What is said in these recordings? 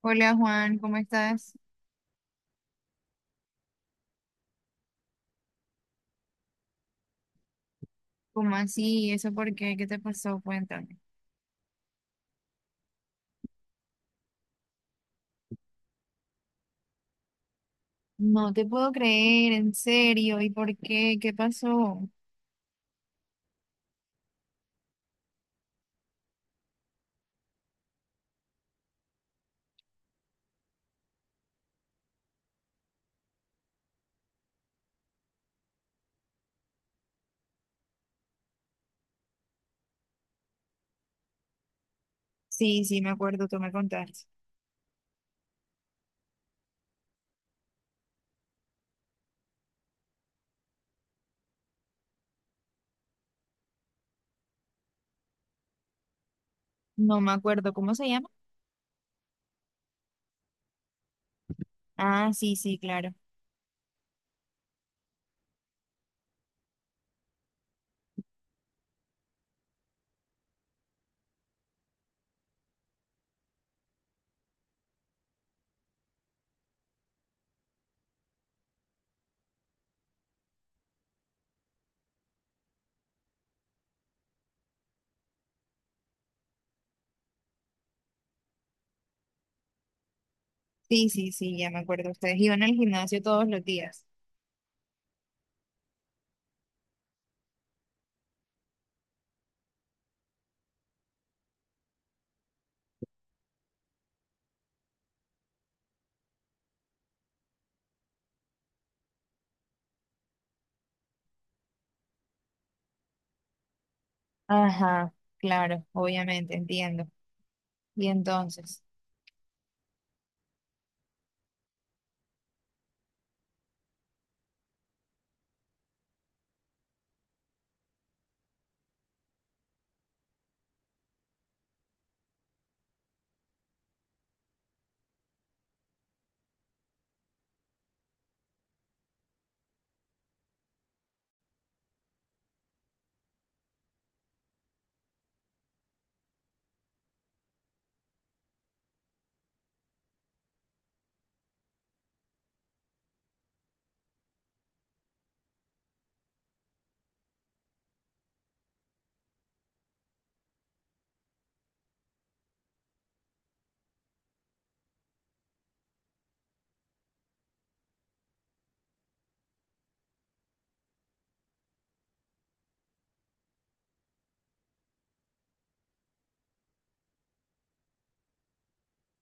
Hola Juan, ¿cómo estás? ¿Cómo así? ¿Eso por qué? ¿Qué te pasó? Cuéntame. No te puedo creer, en serio. ¿Y por qué? ¿Qué pasó? Sí, sí, me acuerdo, tú me contaste. No me acuerdo, ¿cómo se llama? Ah, sí, sí, claro. Sí, sí, sí, ya me acuerdo. Ustedes iban al gimnasio todos los días. Ajá, claro, obviamente, entiendo. Y entonces,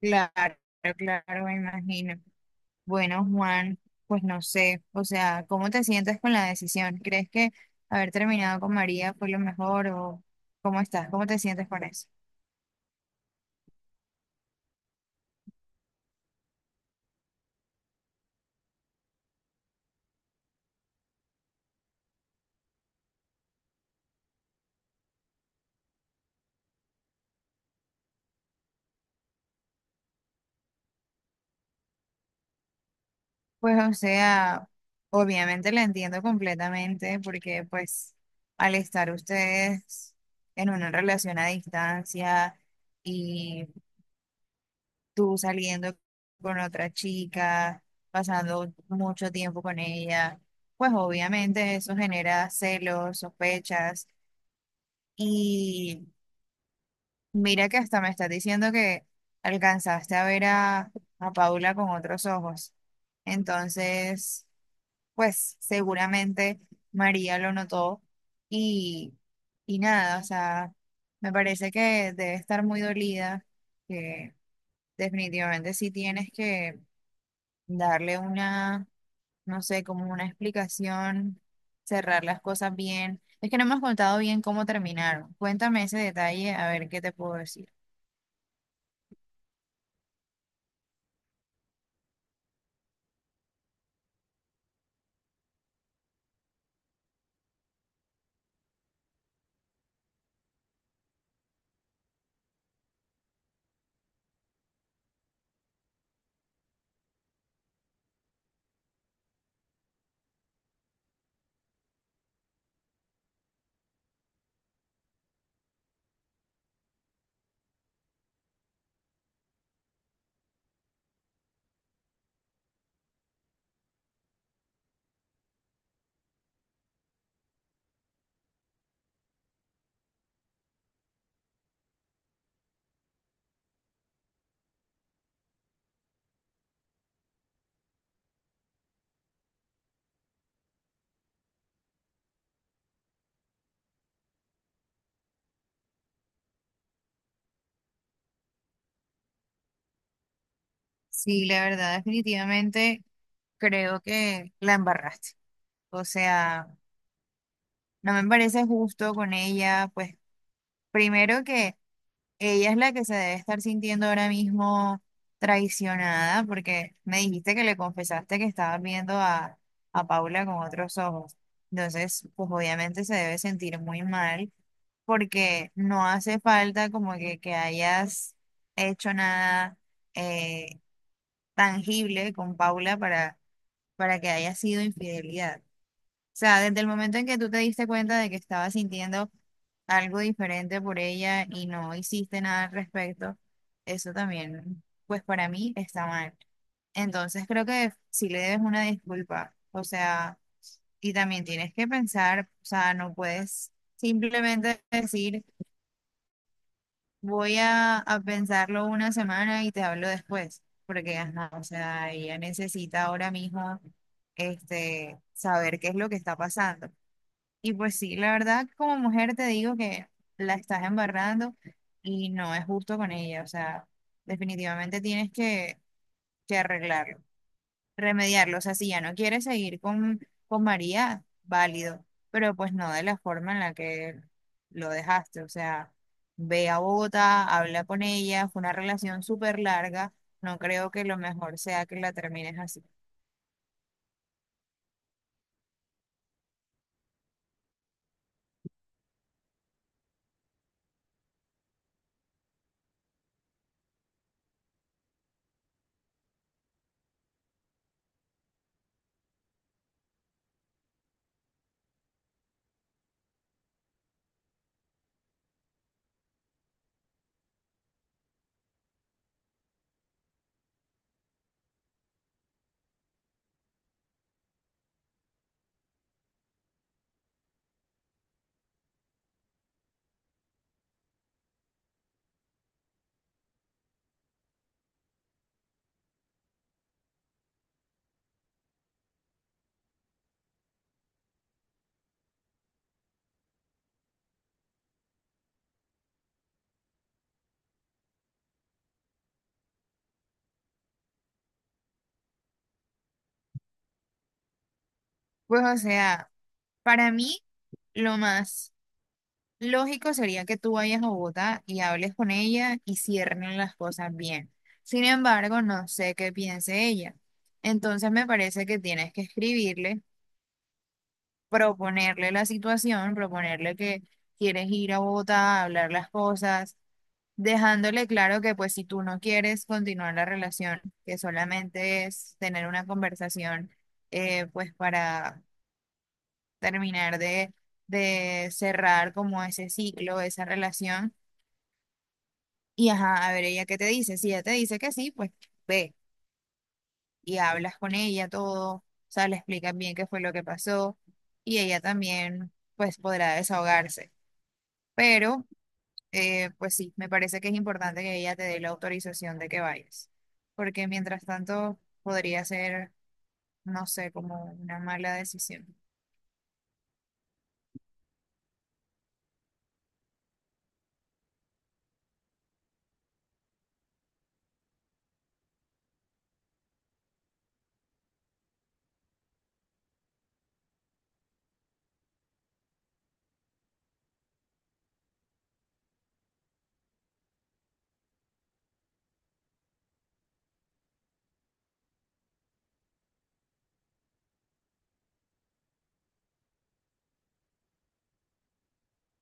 claro, claro, me imagino. Bueno, Juan, pues no sé, o sea, ¿cómo te sientes con la decisión? ¿Crees que haber terminado con María fue lo mejor o cómo estás? ¿Cómo te sientes con eso? Pues o sea, obviamente la entiendo completamente, porque pues al estar ustedes en una relación a distancia y tú saliendo con otra chica, pasando mucho tiempo con ella, pues obviamente eso genera celos, sospechas y mira que hasta me estás diciendo que alcanzaste a ver a Paula con otros ojos. Entonces, pues seguramente María lo notó y, y nada, o sea, me parece que debe estar muy dolida, que definitivamente sí tienes que darle una, no sé, como una explicación, cerrar las cosas bien. Es que no me has contado bien cómo terminaron. Cuéntame ese detalle, a ver qué te puedo decir. Sí, la verdad, definitivamente creo que la embarraste. O sea, no me parece justo con ella, pues primero que ella es la que se debe estar sintiendo ahora mismo traicionada, porque me dijiste que le confesaste que estabas viendo a Paula con otros ojos. Entonces, pues obviamente se debe sentir muy mal, porque no hace falta como que hayas hecho nada eh, tangible con Paula para que haya sido infidelidad. O sea, desde el momento en que tú te diste cuenta de que estabas sintiendo algo diferente por ella y no hiciste nada al respecto, eso también, pues para mí está mal. Entonces creo que si le debes una disculpa, o sea, y también tienes que pensar, o sea, no puedes simplemente decir: voy a pensarlo una semana y te hablo después, porque ajá, o sea, ella necesita ahora mismo, este, saber qué es lo que está pasando. Y pues sí, la verdad, como mujer te digo que la estás embarrando y no es justo con ella. O sea, definitivamente tienes que arreglarlo, remediarlo. O sea, si ya no quiere seguir con María, válido, pero pues no de la forma en la que lo dejaste. O sea, ve a Bogotá, habla con ella, fue una relación súper larga. No creo que lo mejor sea que la termines así. Pues o sea, para mí lo más lógico sería que tú vayas a Bogotá y hables con ella y cierren las cosas bien. Sin embargo, no sé qué piense ella. Entonces me parece que tienes que escribirle, proponerle la situación, proponerle que quieres ir a Bogotá a hablar las cosas, dejándole claro que pues si tú no quieres continuar la relación, que solamente es tener una conversación, pues para terminar de cerrar como ese ciclo, esa relación, y ajá, a ver ella qué te dice. Si ella te dice que sí, pues ve y hablas con ella todo, o sea, le explicas bien qué fue lo que pasó, y ella también pues podrá desahogarse. Pero pues sí, me parece que es importante que ella te dé la autorización de que vayas, porque mientras tanto podría ser, no sé, como una mala decisión.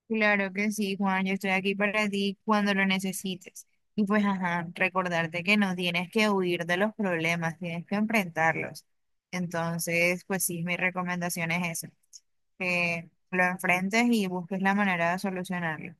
Claro que sí, Juan, yo estoy aquí para ti cuando lo necesites. Y pues, ajá, recordarte que no tienes que huir de los problemas, tienes que enfrentarlos. Entonces, pues sí, mi recomendación es esa, que lo enfrentes y busques la manera de solucionarlo.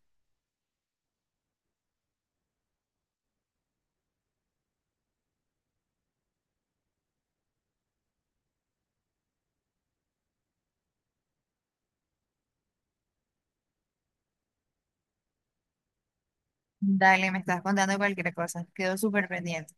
Dale, me estás contando cualquier cosa, quedo súper pendiente.